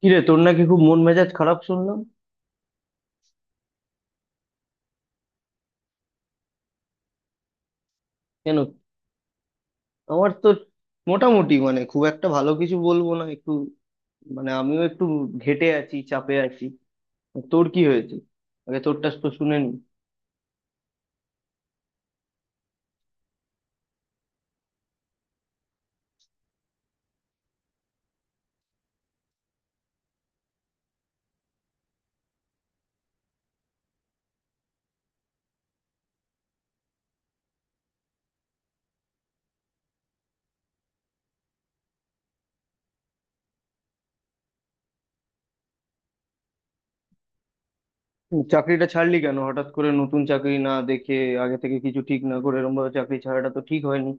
কিরে, তোর নাকি খুব মন মেজাজ খারাপ শুনলাম? কেন? আমার তো মোটামুটি, মানে খুব একটা ভালো কিছু বলবো না, একটু মানে আমিও একটু ঘেঁটে আছি, চাপে আছি। তোর কি হয়েছে? আগে তোরটা তো শুনে নি। হুম, চাকরিটা ছাড়লি কেন হঠাৎ করে নতুন চাকরি না দেখে? আগে থেকে কিছু ঠিক না করে এরকম ভাবে চাকরি ছাড়াটা তো ঠিক হয়নি।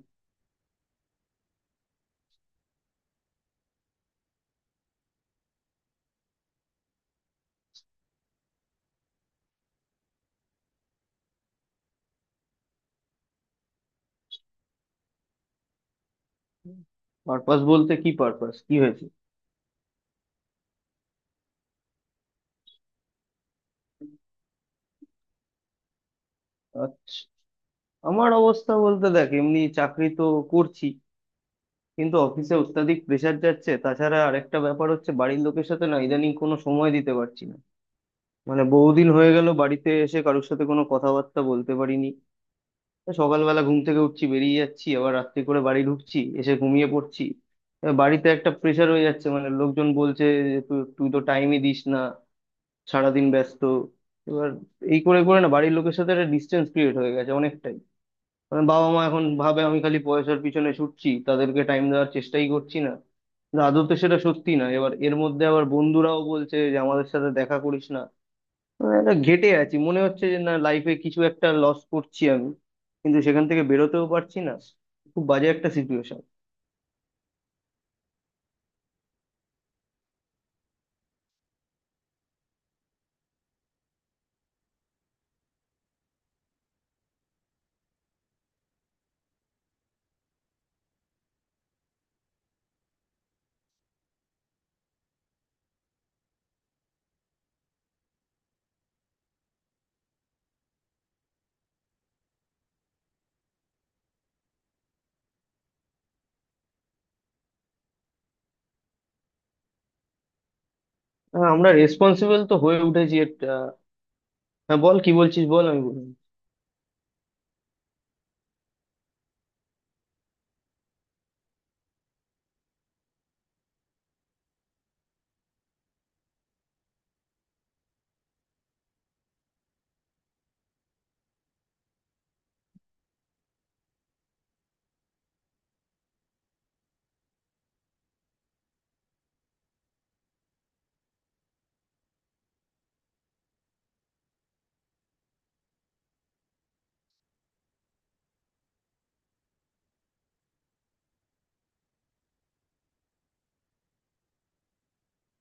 পারপাস বলতে কি পারপাস কি হয়েছে? আচ্ছা, আমার অবস্থা বলতে দেখ, এমনি চাকরি তো করছি, কিন্তু অফিসে অত্যাধিক প্রেসার যাচ্ছে। তাছাড়া আরেকটা ব্যাপার হচ্ছে, বাড়ির লোকের সাথে না ইদানিং কোনো সময় দিতে পারছি না। মানে বহুদিন হয়ে গেল বাড়িতে এসে কারোর সাথে কোনো কথাবার্তা বলতে পারিনি। তা সকালবেলা ঘুম থেকে উঠছি, বেরিয়ে যাচ্ছি, আবার রাত্রি করে বাড়ি ঢুকছি, এসে ঘুমিয়ে পড়ছি। তা বাড়িতে একটা প্রেসার হয়ে যাচ্ছে, মানে লোকজন বলছে যে তুই তুই তো টাইমই দিস না, সারাদিন ব্যস্ত। এবার এই করে করে না বাড়ির লোকের সাথে একটা ডিস্টেন্স ক্রিয়েট হয়ে গেছে অনেকটাই। কারণ বাবা মা এখন ভাবে আমি খালি পয়সার পিছনে ছুটছি, তাদেরকে টাইম দেওয়ার চেষ্টাই করছি না। কিন্তু আদৌ তো সেটা সত্যি না। এবার এর মধ্যে আবার বন্ধুরাও বলছে যে আমাদের সাথে দেখা করিস না। মানে একটা ঘেটে আছি, মনে হচ্ছে যে না, লাইফে কিছু একটা লস করছি আমি, কিন্তু সেখান থেকে বেরোতেও পারছি না। খুব বাজে একটা সিচুয়েশন। আমরা রেসপন্সিবল তো হয়ে উঠেছি একটা। হ্যাঁ, বল, কি বলছিস বল, আমি বলবো।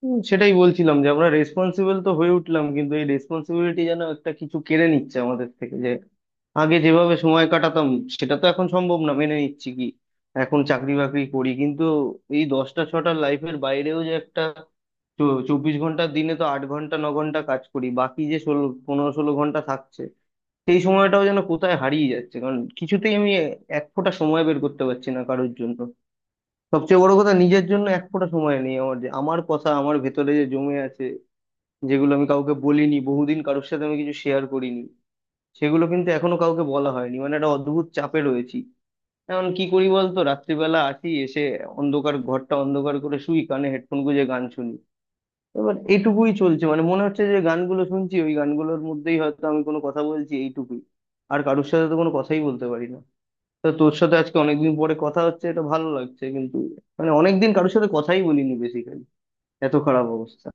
হুম, সেটাই বলছিলাম যে আমরা রেসপন্সিবল তো হয়ে উঠলাম, কিন্তু এই রেসপন্সিবিলিটি যেন একটা কিছু কেড়ে নিচ্ছে আমাদের থেকে। যে আগে যেভাবে সময় কাটাতাম, সেটা তো এখন সম্ভব না, মেনে নিচ্ছি কি। এখন চাকরি বাকরি করি, কিন্তু এই 10টা-6টার লাইফের বাইরেও যে একটা 24 ঘন্টার দিনে তো 8 ঘন্টা 9 ঘন্টা কাজ করি, বাকি যে 16, 15-16 ঘন্টা থাকছে, সেই সময়টাও যেন কোথায় হারিয়ে যাচ্ছে। কারণ কিছুতেই আমি এক ফোঁটা সময় বের করতে পারছি না কারোর জন্য। সবচেয়ে বড় কথা নিজের জন্য এক ফোঁটা সময় নেই আমার। যে আমার কথা আমার ভেতরে যে জমে আছে, যেগুলো আমি কাউকে বলিনি বহুদিন, কারোর সাথে আমি কিছু শেয়ার করিনি, সেগুলো কিন্তু এখনো কাউকে বলা হয়নি। মানে একটা অদ্ভুত চাপে রয়েছি। এখন কি করি বলতো, রাত্রিবেলা আসি, এসে অন্ধকার ঘরটা অন্ধকার করে শুই, কানে হেডফোন গুঁজে গান শুনি। এবার এইটুকুই চলছে। মানে মনে হচ্ছে যে গানগুলো শুনছি, ওই গানগুলোর মধ্যেই হয়তো আমি কোনো কথা বলছি, এইটুকুই। আর কারোর সাথে তো কোনো কথাই বলতে পারি না। তো তোর সাথে আজকে অনেকদিন পরে কথা হচ্ছে, এটা ভালো লাগছে কিন্তু, মানে অনেকদিন কারোর সাথে কথাই বলিনি বেসিক্যালি। এত খারাপ অবস্থা।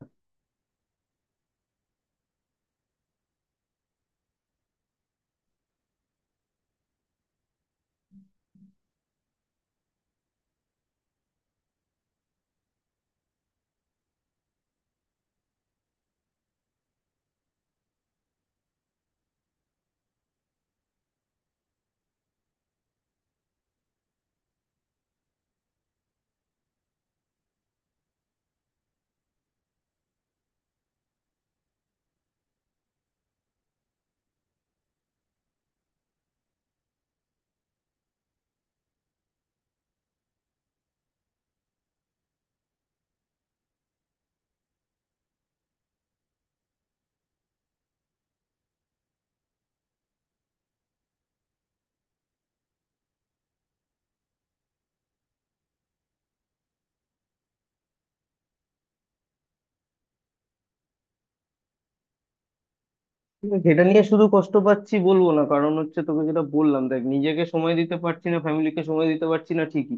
কিন্তু এটা নিয়ে শুধু কষ্ট পাচ্ছি বলবো না। কারণ হচ্ছে তোকে যেটা বললাম, দেখ, নিজেকে সময় দিতে পারছি না, ফ্যামিলিকে সময় দিতে পারছি না ঠিকই,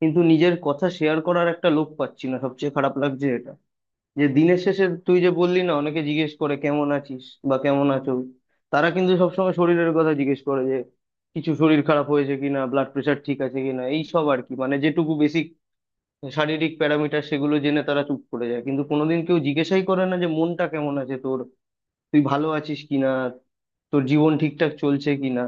কিন্তু নিজের কথা শেয়ার করার একটা লোক পাচ্ছি না, সবচেয়ে খারাপ লাগছে এটা। যে দিনের শেষে তুই যে বললি না, অনেকে জিজ্ঞেস করে কেমন আছিস বা কেমন আছো, তারা কিন্তু সবসময় শরীরের কথা জিজ্ঞেস করে। যে কিছু শরীর খারাপ হয়েছে কিনা, ব্লাড প্রেশার ঠিক আছে কিনা, এই সব আর কি। মানে যেটুকু শারীরিক প্যারামিটার, সেগুলো জেনে তারা চুপ করে যায়, কিন্তু কোনোদিন কেউ জিজ্ঞাসাই করে না যে মনটা কেমন আছে তোর, তুই ভালো আছিস কিনা, তোর জীবন ঠিকঠাক চলছে কিনা।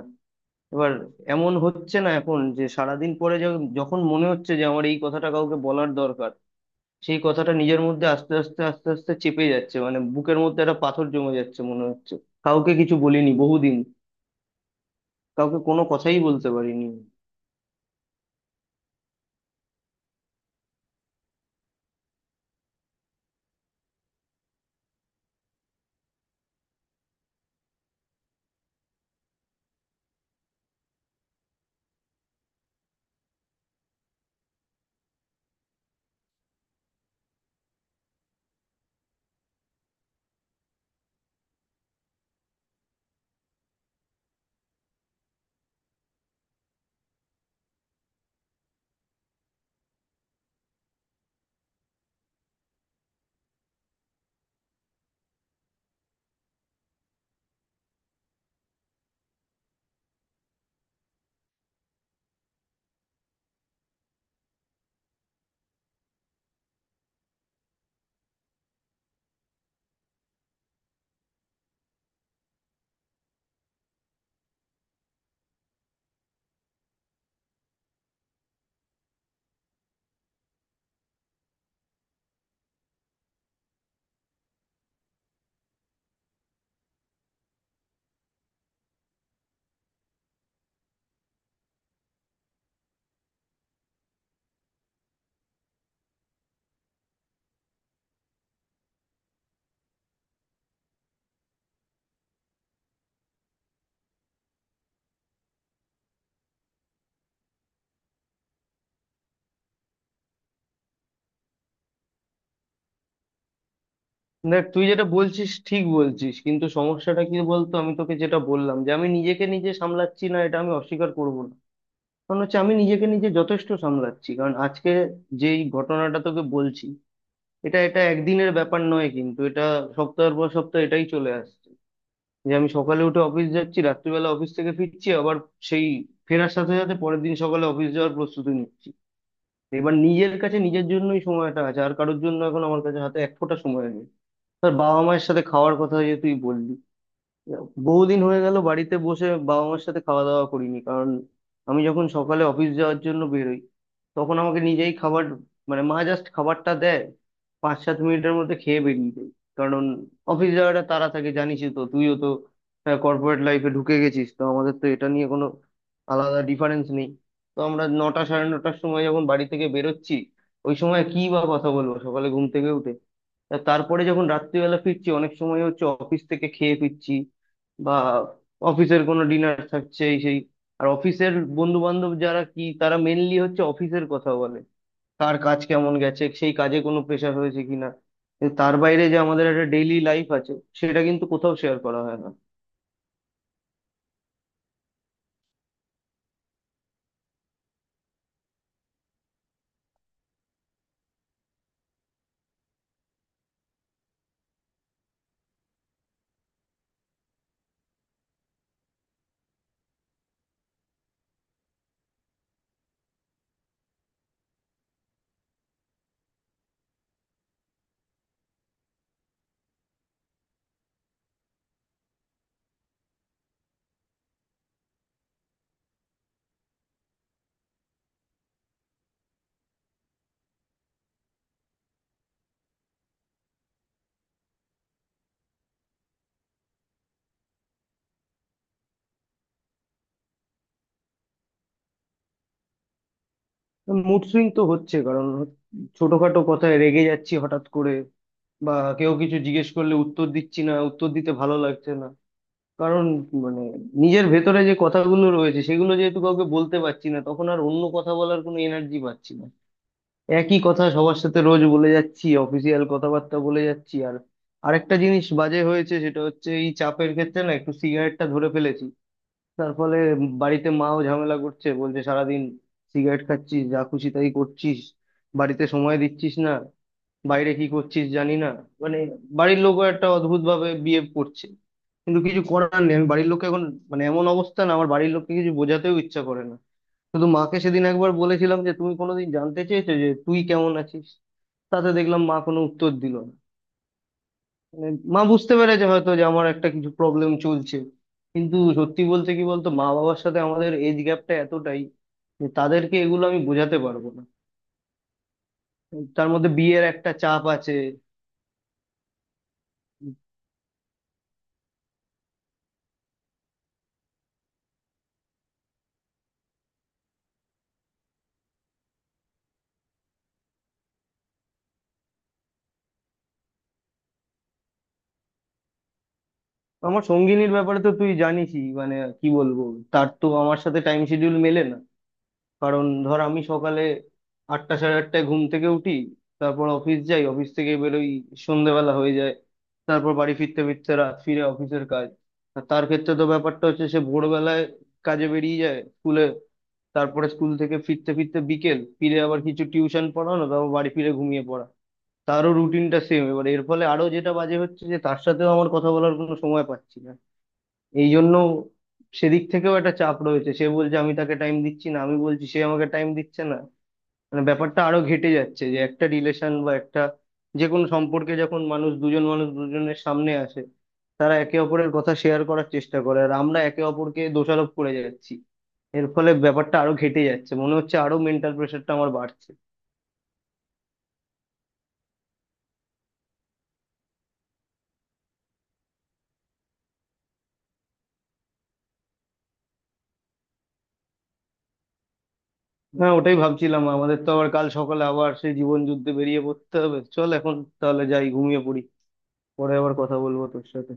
এবার এমন হচ্ছে না এখন যে সারাদিন পরে যখন মনে হচ্ছে যে আমার এই কথাটা কাউকে বলার দরকার, সেই কথাটা নিজের মধ্যে আস্তে আস্তে আস্তে আস্তে চেপে যাচ্ছে। মানে বুকের মধ্যে একটা পাথর জমে যাচ্ছে মনে হচ্ছে। কাউকে কিছু বলিনি বহুদিন, কাউকে কোনো কথাই বলতে পারিনি। দেখ, তুই যেটা বলছিস ঠিক বলছিস, কিন্তু সমস্যাটা কি বলতো, আমি তোকে যেটা বললাম যে আমি নিজেকে নিজে সামলাচ্ছি না, এটা আমি অস্বীকার করব না। কারণ হচ্ছে আমি নিজেকে নিজে যথেষ্ট সামলাচ্ছি। কারণ আজকে যেই ঘটনাটা তোকে বলছি, এটা এটা একদিনের ব্যাপার নয়, কিন্তু এটা সপ্তাহের পর সপ্তাহ এটাই চলে আসছে। যে আমি সকালে উঠে অফিস যাচ্ছি, রাত্রিবেলা অফিস থেকে ফিরছি, আবার সেই ফেরার সাথে সাথে পরের দিন সকালে অফিস যাওয়ার প্রস্তুতি নিচ্ছি। এবার নিজের কাছে নিজের জন্যই সময়টা আছে, আর কারোর জন্য এখন আমার কাছে হাতে এক ফোঁটা সময় নেই। তোর বাবা মায়ের সাথে খাওয়ার কথা যে তুই বললি, বহুদিন হয়ে গেল বাড়িতে বসে বাবা মার সাথে খাওয়া দাওয়া করিনি। কারণ আমি যখন সকালে অফিস যাওয়ার জন্য বেরোই, তখন আমাকে নিজেই খাবার, মানে মা জাস্ট খাবারটা দেয়, 5-7 মিনিটের মধ্যে খেয়ে বেরিয়ে যাই। কারণ অফিস যাওয়াটা তাড়া থাকে, জানিসই তো, তুইও তো কর্পোরেট লাইফে ঢুকে গেছিস, তো আমাদের তো এটা নিয়ে কোনো আলাদা ডিফারেন্স নেই। তো আমরা 9টা সাড়ে 9টার সময় যখন বাড়ি থেকে বেরোচ্ছি, ওই সময় কি বা কথা বলবো সকালে ঘুম থেকে উঠে? তা তারপরে যখন রাত্রিবেলা ফিরছি, অনেক সময় হচ্ছে অফিস থেকে খেয়ে ফিরছি, বা অফিসের কোনো ডিনার থাকছে এই সেই। আর অফিসের বন্ধু বান্ধব যারা, কি তারা মেনলি হচ্ছে অফিসের কথা বলে, কার কাজ কেমন গেছে, সেই কাজে কোনো প্রেশার হয়েছে কিনা। কিন্তু তার বাইরে যে আমাদের একটা ডেইলি লাইফ আছে, সেটা কিন্তু কোথাও শেয়ার করা হয় না। মুড সুইং তো হচ্ছে। কারণ ছোটখাটো কথায় রেগে যাচ্ছি হঠাৎ করে, বা কেউ কিছু জিজ্ঞেস করলে উত্তর দিচ্ছি না, উত্তর দিতে ভালো লাগছে না। কারণ, মানে, নিজের ভেতরে যে কথাগুলো রয়েছে, সেগুলো যেহেতু কাউকে বলতে পারছি না, তখন আর অন্য কথা বলার কোনো এনার্জি পাচ্ছি না। একই কথা সবার সাথে রোজ বলে যাচ্ছি, অফিসিয়াল কথাবার্তা বলে যাচ্ছি। আর আরেকটা জিনিস বাজে হয়েছে, সেটা হচ্ছে এই চাপের ক্ষেত্রে না একটু সিগারেটটা ধরে ফেলেছি। তার ফলে বাড়িতে মাও ঝামেলা করছে, বলছে সারাদিন সিগারেট খাচ্ছিস, যা খুশি তাই করছিস, বাড়িতে সময় দিচ্ছিস না, বাইরে কি করছিস জানি না। মানে বাড়ির লোকও একটা অদ্ভুত ভাবে বিহেভ করছে। কিন্তু কিছু করার নেই, আমি বাড়ির লোককে এখন, মানে এমন অবস্থা না, আমার বাড়ির লোককে কিছু বোঝাতেও ইচ্ছা করে না। শুধু মাকে সেদিন একবার বলেছিলাম যে তুমি কোনোদিন জানতে চেয়েছো যে তুই কেমন আছিস? তাতে দেখলাম মা কোনো উত্তর দিল না। মানে মা বুঝতে পেরেছে হয়তো যে আমার একটা কিছু প্রবলেম চলছে। কিন্তু সত্যি বলতে কি বলতো, মা বাবার সাথে আমাদের এজ গ্যাপটা এতটাই যে তাদেরকে এগুলো আমি বোঝাতে পারবো না। তার মধ্যে বিয়ের একটা চাপ আছে। আমার সঙ্গিনীর ব্যাপারে তো তুই জানিসই, মানে কি বলবো, তার তো আমার সাথে টাইম শিডিউল মেলে না। কারণ ধর আমি সকালে 8টা সাড়ে 8টায় ঘুম থেকে উঠি, তারপর অফিস যাই, অফিস থেকে বেরোই, সন্ধ্যেবেলা হয়ে যায়, তারপর বাড়ি ফিরতে ফিরতে রাত, ফিরে অফিসের কাজ। আর তার ক্ষেত্রে তো ব্যাপারটা হচ্ছে সে ভোরবেলায় কাজে বেরিয়ে যায় স্কুলে, তারপরে স্কুল থেকে ফিরতে ফিরতে বিকেল, ফিরে আবার কিছু টিউশন পড়ানো, তারপর বাড়ি ফিরে ঘুমিয়ে পড়া। তারও রুটিনটা সেম। এবার এর ফলে আরো যেটা বাজে হচ্ছে যে তার সাথেও আমার কথা বলার কোনো সময় পাচ্ছি না। এই জন্য সেদিক থেকেও একটা চাপ রয়েছে। সে বলছে আমি তাকে টাইম দিচ্ছি না, আমি বলছি সে আমাকে টাইম দিচ্ছে না। মানে ব্যাপারটা আরো ঘেটে যাচ্ছে। যে একটা রিলেশন বা একটা যে কোনো সম্পর্কে যখন মানুষ দুজন, মানুষ দুজনের সামনে আসে, তারা একে অপরের কথা শেয়ার করার চেষ্টা করে, আর আমরা একে অপরকে দোষারোপ করে যাচ্ছি। এর ফলে ব্যাপারটা আরো ঘেটে যাচ্ছে, মনে হচ্ছে আরো মেন্টাল প্রেশারটা আমার বাড়ছে। হ্যাঁ, ওটাই ভাবছিলাম, আমাদের তো আবার কাল সকালে আবার সেই জীবন যুদ্ধে বেরিয়ে পড়তে হবে। চল এখন তাহলে, যাই ঘুমিয়ে পড়ি। পরে আবার কথা বলবো তোর সাথে।